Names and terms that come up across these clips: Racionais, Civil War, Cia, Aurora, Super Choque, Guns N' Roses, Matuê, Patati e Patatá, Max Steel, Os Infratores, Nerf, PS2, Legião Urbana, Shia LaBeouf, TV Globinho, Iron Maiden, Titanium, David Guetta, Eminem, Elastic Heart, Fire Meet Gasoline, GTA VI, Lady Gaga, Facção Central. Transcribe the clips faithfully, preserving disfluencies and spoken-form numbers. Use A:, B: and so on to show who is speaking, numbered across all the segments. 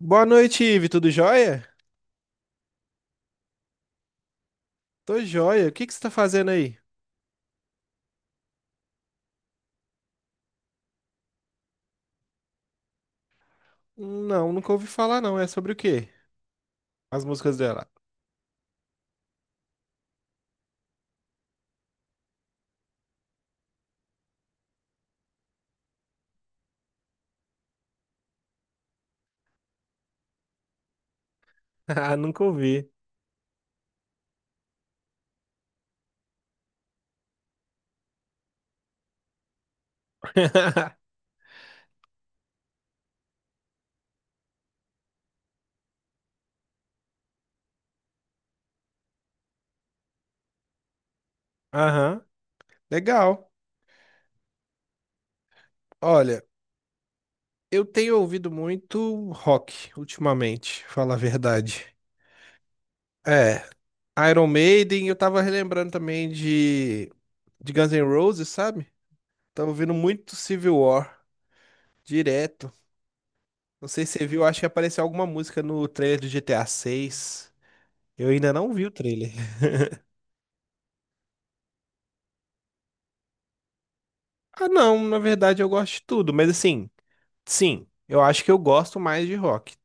A: Boa noite, Ive. Tudo jóia? Tô jóia. O que que você tá fazendo aí? Não, nunca ouvi falar, não. É sobre o quê? As músicas dela. Ah, nunca ouvi. Aham. Legal. Olha, eu tenho ouvido muito rock ultimamente, falar a verdade. É, Iron Maiden, eu tava relembrando também de, de Guns N' Roses, sabe? Tava ouvindo muito Civil War, direto. Não sei se você viu, acho que apareceu alguma música no trailer do G T A V I. Eu ainda não vi o trailer. Ah, não, na verdade eu gosto de tudo, mas assim, sim, eu acho que eu gosto mais de rock.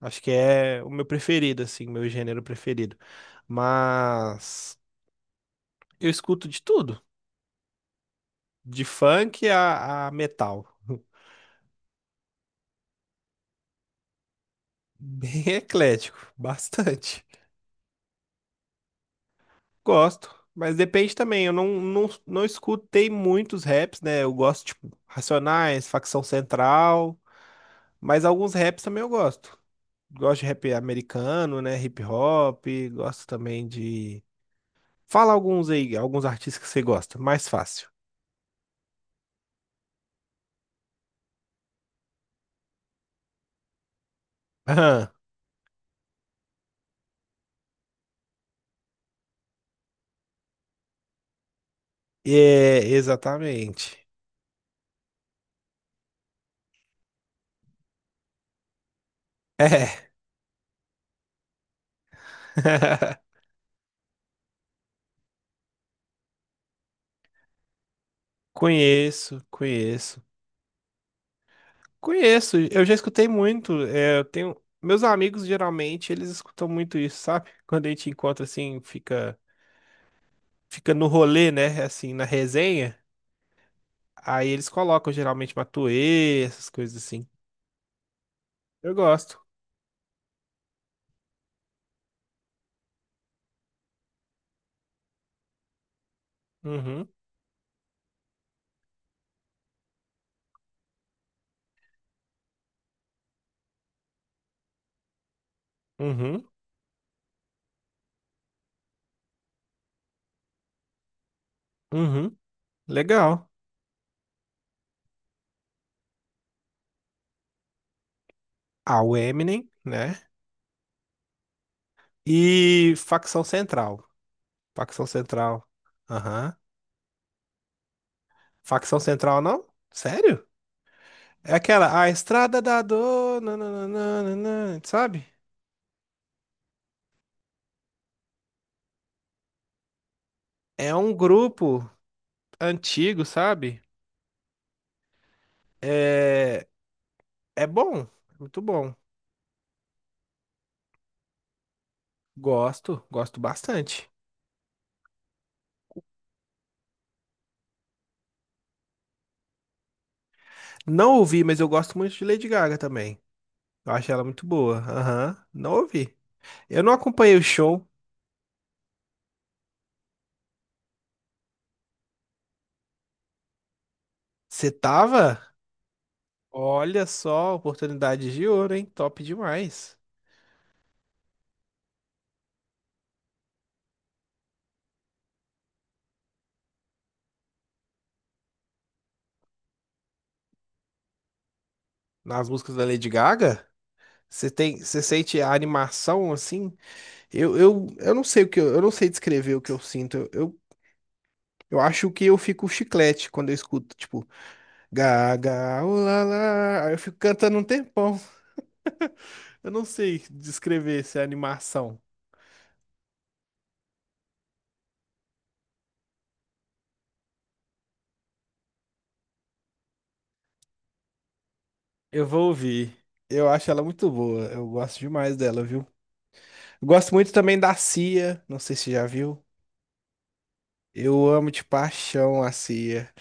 A: Acho que é o meu preferido, assim, meu gênero preferido. Mas eu escuto de tudo, de funk a, a metal. Bem eclético, bastante. Gosto, mas depende também. Eu não, não, não escutei muitos raps, né? Eu gosto, tipo, Racionais, Facção Central. Mas alguns raps também eu gosto. Gosto de rap americano, né? Hip hop, gosto também de. Fala alguns aí, alguns artistas que você gosta, mais fácil. Aham. É, exatamente. É. Conheço, conheço. Conheço, eu já escutei muito. É, eu tenho. Meus amigos geralmente eles escutam muito isso, sabe? Quando a gente encontra assim, fica, fica no rolê, né? Assim, na resenha. Aí eles colocam geralmente Matuê, essas coisas assim. Eu gosto. Uhum, uhum, uhum. Legal. Ah, o Eminem, né? E facção central. Facção central. Aham. Facção central, não? Sério? É aquela, a Estrada da Dor, nananana, sabe? É um grupo antigo, sabe? É, é bom, muito bom. Gosto, gosto bastante. Não ouvi, mas eu gosto muito de Lady Gaga também. Eu acho ela muito boa. Aham, não ouvi. Eu não acompanhei o show. Você tava? Olha só, oportunidade de ouro, hein? Top demais. Nas músicas da Lady Gaga, você tem, você sente a animação assim? Eu, eu, eu não sei o que eu, eu não sei descrever o que eu sinto. Eu, eu, eu acho que eu fico chiclete quando eu escuto, tipo, Gaga, ulala. Aí eu fico cantando um tempão. Eu não sei descrever essa animação. Eu vou ouvir. Eu acho ela muito boa. Eu gosto demais dela, viu? Gosto muito também da Cia, não sei se já viu. Eu amo de paixão a Cia.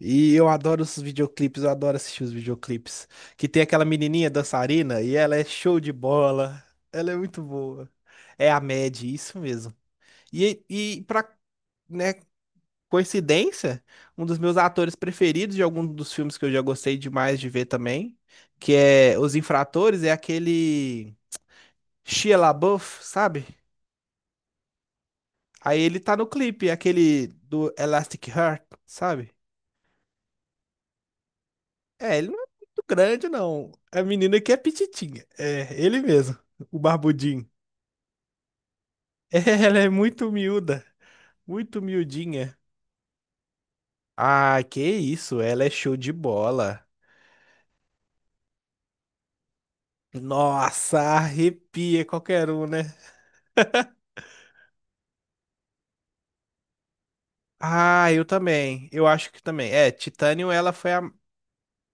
A: E eu adoro os videoclipes, eu adoro assistir os videoclipes. Que tem aquela menininha dançarina e ela é show de bola. Ela é muito boa. É a Mad, isso mesmo. E, e pra, né, coincidência, um dos meus atores preferidos de algum dos filmes que eu já gostei demais de ver também, que é Os Infratores, é aquele Shia LaBeouf, sabe? Aí ele tá no clipe, aquele do Elastic Heart, sabe? É, ele não é muito grande, não. É a menina que é pititinha. É, ele mesmo, o barbudinho. Ela é muito miúda, muito miudinha. Ah, que isso, ela é show de bola. Nossa, arrepia qualquer um, né? Ah, eu também. Eu acho que também. É, Titanium, ela foi a...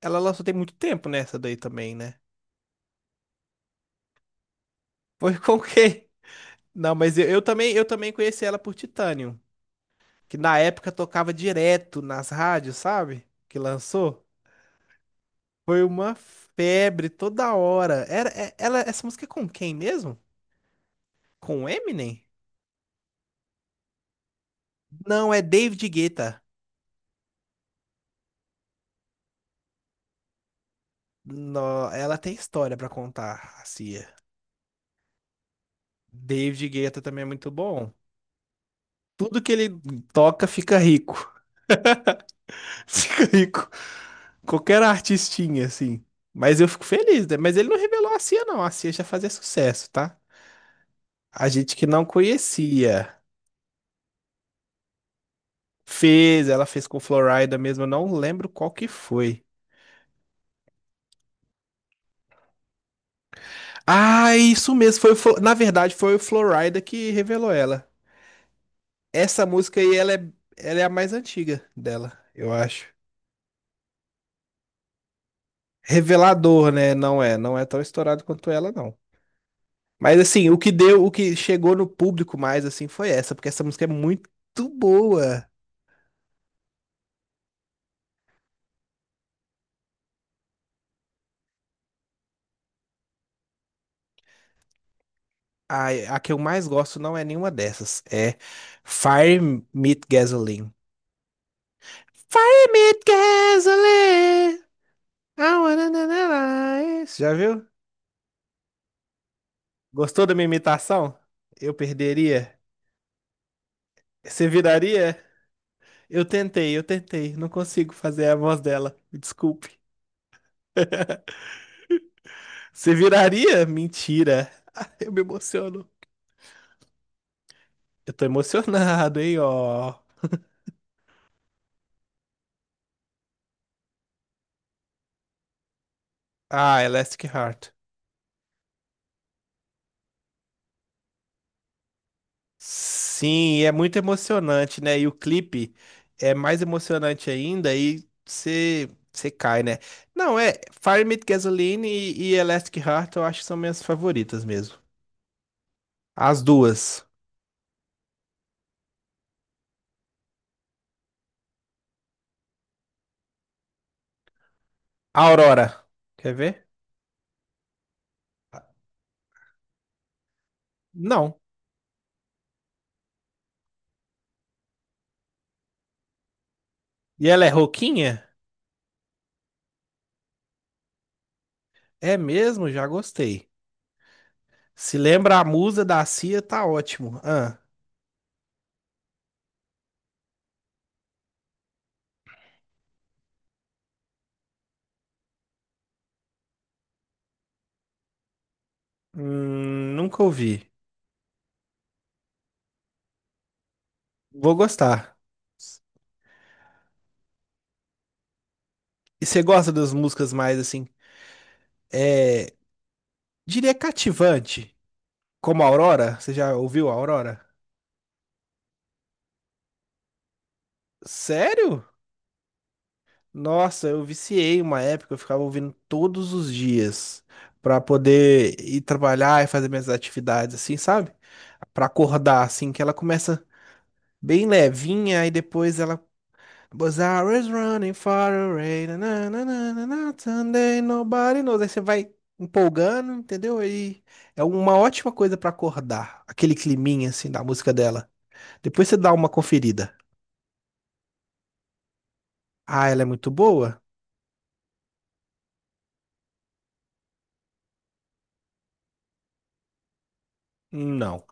A: Ela lançou tem muito tempo nessa daí também, né? Foi com quem? Não, mas eu, eu também, eu também conheci ela por Titanium, que na época tocava direto nas rádios, sabe? Que lançou. Foi uma febre toda hora. Era, é- ela, essa música é com quem mesmo? Com o Eminem? Não, é David Guetta. No- ela tem história pra contar, a Cia. David Guetta também é muito bom. Tudo que ele toca fica rico. Fica rico. Qualquer artistinha, assim. Mas eu fico feliz, né? Mas ele não revelou a Cia, não. A Cia já fazia sucesso, tá? A gente que não conhecia. Fez, ela fez com Florida mesmo. Eu não lembro qual que foi. Ah, isso mesmo. Foi o Flo- Na verdade, foi o Florida que revelou ela. Essa música aí, ela é, ela é a mais antiga dela, eu acho. Revelador, né? Não é, não é tão estourado quanto ela, não. Mas assim, o que deu, o que chegou no público mais assim foi essa, porque essa música é muito boa. A, a que eu mais gosto não é nenhuma dessas. É Fire Meet Gasoline. Fire Meet Gasoline. I wanna na, na, na. Já viu? Gostou da minha imitação? Eu perderia? Você viraria? Eu tentei, eu tentei. Não consigo fazer a voz dela. Me desculpe. Você viraria? Mentira. Ah, eu me emociono. Eu tô emocionado, hein, ó. Ah, Elastic Heart. Sim, é muito emocionante, né? E o clipe é mais emocionante ainda e você você cai, né? Não, é Fire Me With Gasoline e, e Elastic Heart eu acho que são minhas favoritas mesmo. As duas. Aurora. Quer ver? Não. E ela é roquinha? É mesmo? Já gostei. Se lembra a musa da Cia, tá ótimo. Ah, hum, nunca ouvi. Vou gostar. E você gosta das músicas mais assim? É. Diria cativante. Como Aurora? Você já ouviu a Aurora? Sério? Nossa, eu viciei uma época, eu ficava ouvindo todos os dias pra poder ir trabalhar e fazer minhas atividades assim, sabe? Pra acordar assim que ela começa bem levinha, e depois ela. Was is running far away, na, na, na, na, na, na, Sunday, nobody knows. Aí você vai empolgando, entendeu? Aí é uma ótima coisa pra acordar, aquele climinha assim da música dela. Depois você dá uma conferida. Ah, ela é muito boa? Não.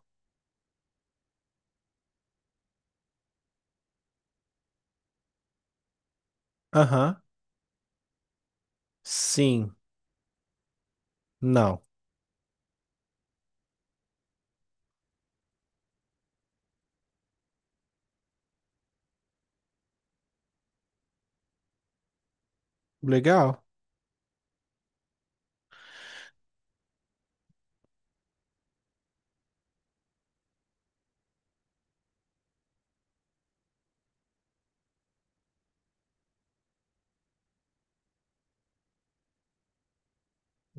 A: Aham. Sim. Não. Legal.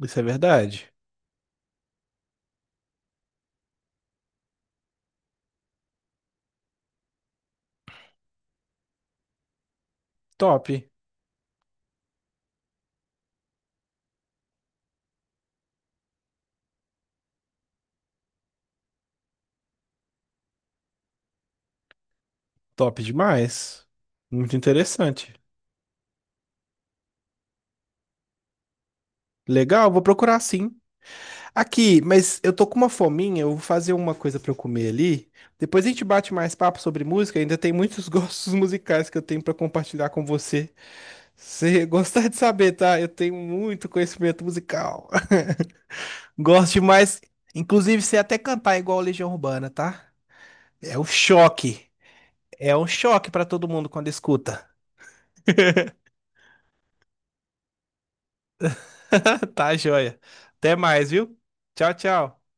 A: Isso é verdade. Top. Top demais. Muito interessante. Legal, vou procurar sim. Aqui, mas eu tô com uma fominha, eu vou fazer uma coisa pra eu comer ali. Depois a gente bate mais papo sobre música, ainda tem muitos gostos musicais que eu tenho pra compartilhar com você. Se você gostar de saber, tá? Eu tenho muito conhecimento musical. Gosto demais, inclusive sei até cantar igual Legião Urbana, tá? É um choque. É um choque pra todo mundo quando escuta. Tá, joia. Até mais, viu? Tchau, tchau.